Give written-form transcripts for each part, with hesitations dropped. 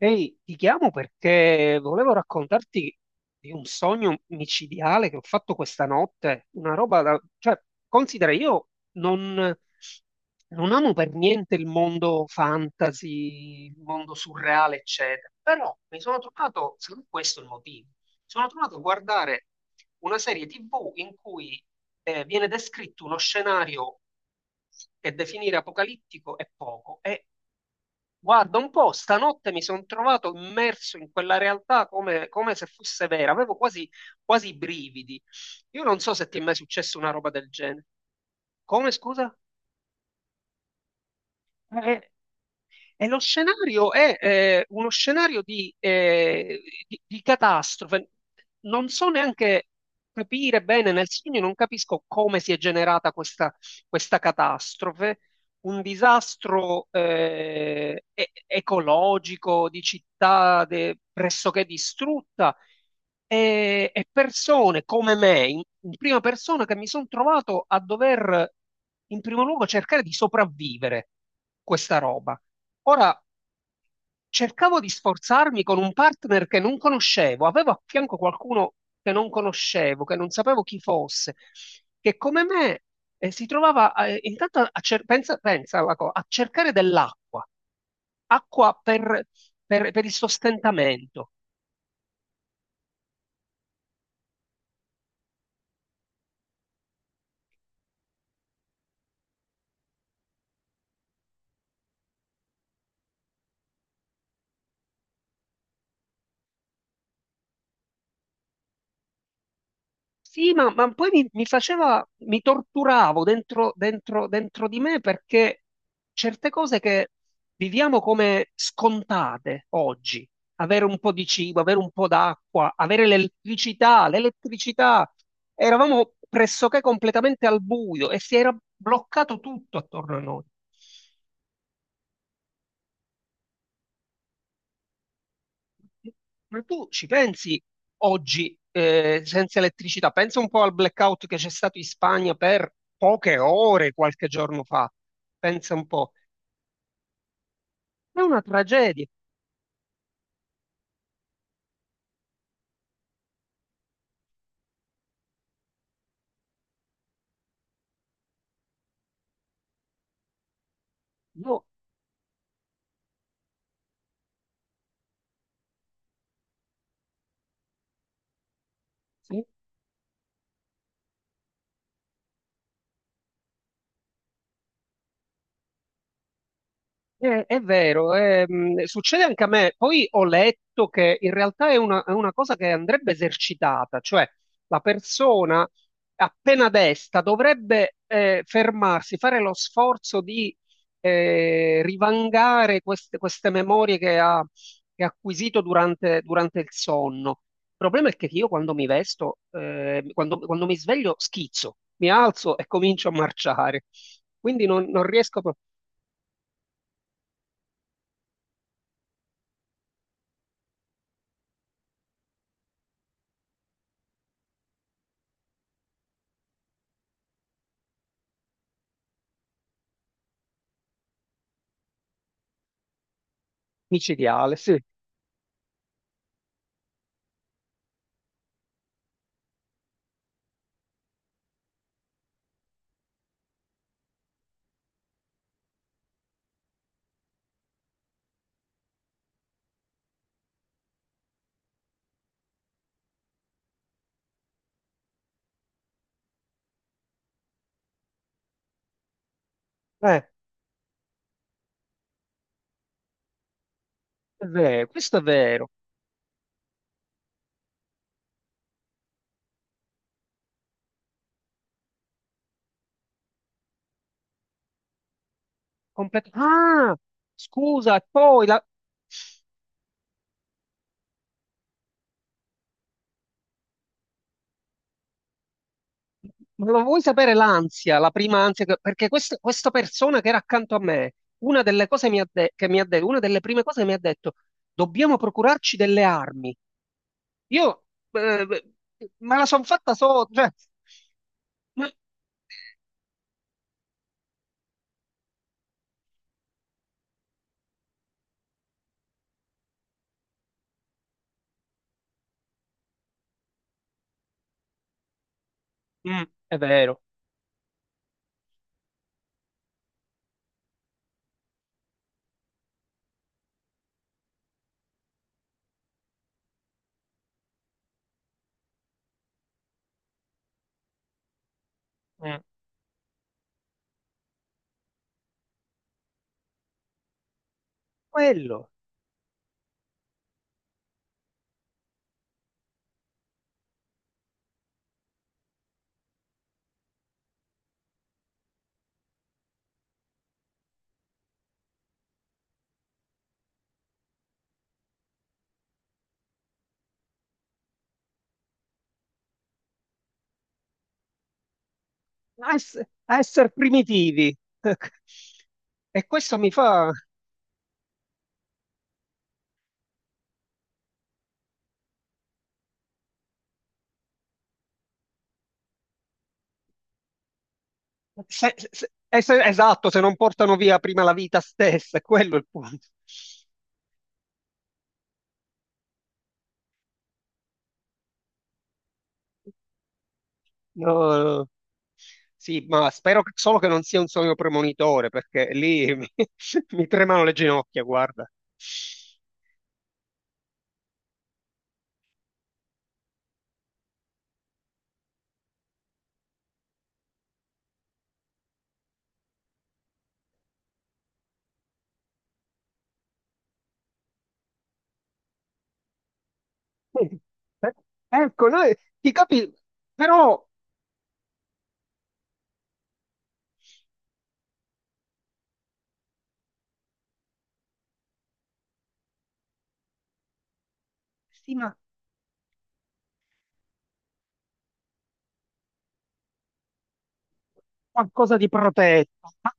Ehi, ti chiamo perché volevo raccontarti di un sogno micidiale che ho fatto questa notte, una roba da... cioè, considera, io non, non amo per niente il mondo fantasy, il mondo surreale, eccetera, però mi sono trovato, secondo me questo è il motivo, mi sono trovato a guardare una serie TV in cui viene descritto uno scenario che definire apocalittico è poco, è Guarda, un po', stanotte mi sono trovato immerso in quella realtà come, come se fosse vera, quasi i brividi. Io non so se ti è mai successo una roba del genere. Come, scusa? Eh, e lo scenario è uno scenario di catastrofe. Non so neanche capire bene nel segno, non capisco come si è generata questa catastrofe. Un disastro ecologico di città pressoché distrutta e persone come me, in prima persona, che mi sono trovato a dover, in primo luogo, cercare di sopravvivere questa roba. Ora, cercavo di sforzarmi con un partner che non conoscevo, avevo a fianco qualcuno che non conoscevo, che non sapevo chi fosse, che come me si trovava intanto a, pensa alla a cercare dell'acqua, acqua per, per il sostentamento. Sì, ma, mi faceva, mi torturavo dentro, dentro di me perché certe cose che viviamo come scontate oggi, avere un po' di cibo, avere un po' d'acqua, l'elettricità, eravamo pressoché completamente al buio e si era bloccato tutto attorno a noi. Ma tu ci pensi oggi senza elettricità? Pensa un po' al blackout che c'è stato in Spagna per poche ore qualche giorno fa. Pensa un po'. È una tragedia. Io sì. È vero, succede anche a me. Poi ho letto che in realtà è una cosa che andrebbe esercitata, cioè la persona appena desta dovrebbe fermarsi, fare lo sforzo di rivangare queste memorie che ha acquisito durante il sonno. Il problema è che io quando mi vesto, quando mi sveglio, schizzo, mi alzo e comincio a marciare. Quindi non riesco proprio. Micidiale, sì. Eh, è vero, questo è vero. Ah, scusa, e poi la... Ma lo vuoi sapere l'ansia, la prima ansia? Perché questa persona che era accanto a me, una delle cose mi ha de- che mi ha detto, una delle prime cose che mi ha detto, dobbiamo procurarci delle armi. Io eh, me la sono fatta sotto, cioè, ma- mm, è vero. Mm. Quello, a, ess- a essere primitivi. E questo mi fa... esatto, se non portano via prima la vita stessa, è quello il punto. No, sì, ma spero solo che non sia un sogno premonitore, perché mi tremano le ginocchia, guarda. Eh, ecco, noi ti capi, però sì, ma qualcosa di protetto.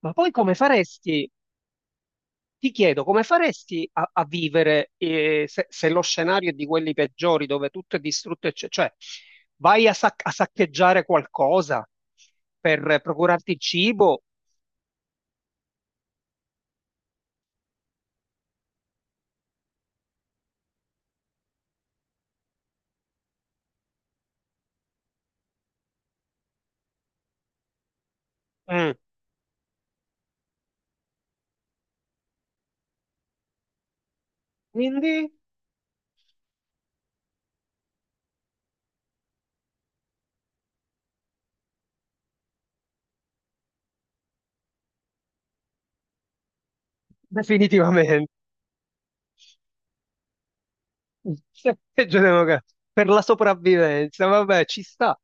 Ma poi come faresti? Ti chiedo, come faresti a vivere se lo scenario è di quelli peggiori, dove tutto è distrutto, cioè, vai a saccheggiare qualcosa per procurarti il cibo? Mm. Quindi, definitivamente, saccheggio democratico per la sopravvivenza, vabbè, ci sta.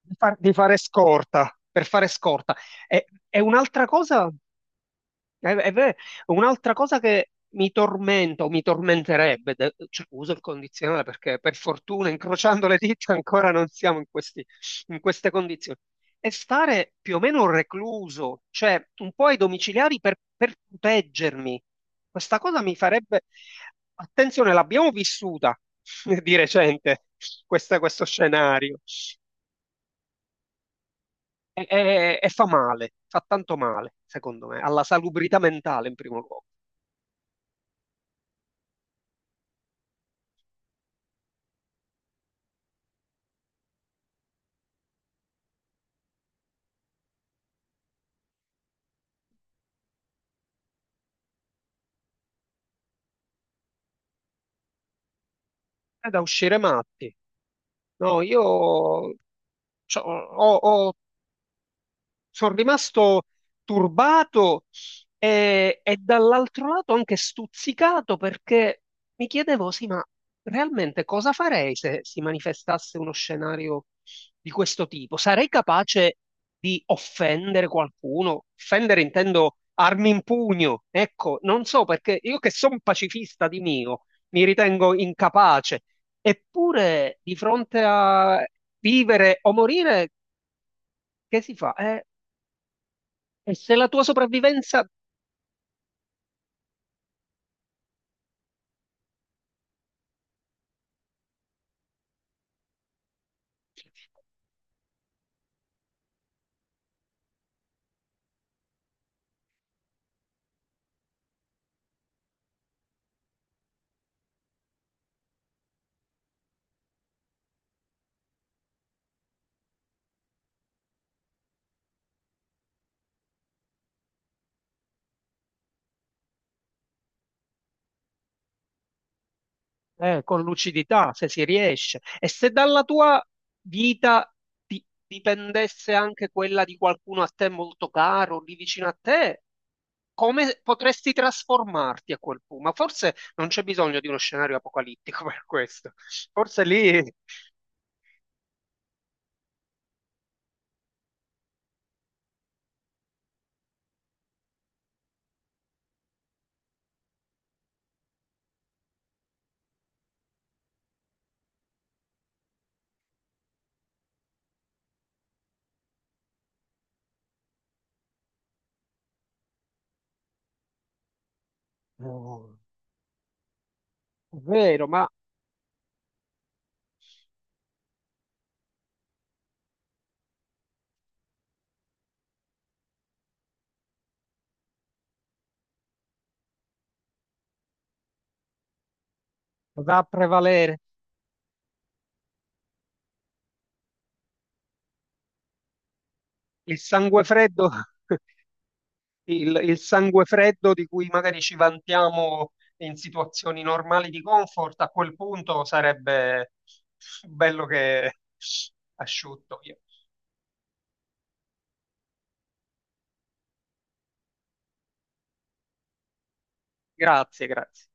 Di fare scorta, per fare scorta. E un'altra cosa. È- è ver- Un'altra cosa che mi tormenta o mi tormenterebbe, cioè, uso il condizionale perché per fortuna, incrociando le dita, ancora non siamo in in queste condizioni, è stare più o meno recluso, cioè un po' ai domiciliari per proteggermi. Questa cosa mi farebbe... Attenzione, l'abbiamo vissuta di recente, questo scenario, e fa male, fa tanto male, secondo me, alla salubrità mentale in primo luogo. È da uscire matti. No, io ho sono rimasto turbato e dall'altro lato anche stuzzicato perché mi chiedevo, sì, ma realmente cosa farei se si manifestasse uno scenario di questo tipo? Sarei capace di offendere qualcuno? Offendere intendo armi in pugno, ecco, non so perché io che sono pacifista di mio, mi ritengo incapace. Eppure, di fronte a vivere o morire, che si fa? E se la tua sopravvivenza, con lucidità, se si riesce, e se dalla tua vita dipendesse anche quella di qualcuno a te molto caro, lì vicino a te, come potresti trasformarti a quel punto? Ma forse non c'è bisogno di uno scenario apocalittico per questo. Forse lì, oh, è vero, ma va a prevalere il sangue freddo. Il il sangue freddo di cui magari ci vantiamo in situazioni normali di comfort, a quel punto sarebbe bello che asciutto. Grazie, grazie.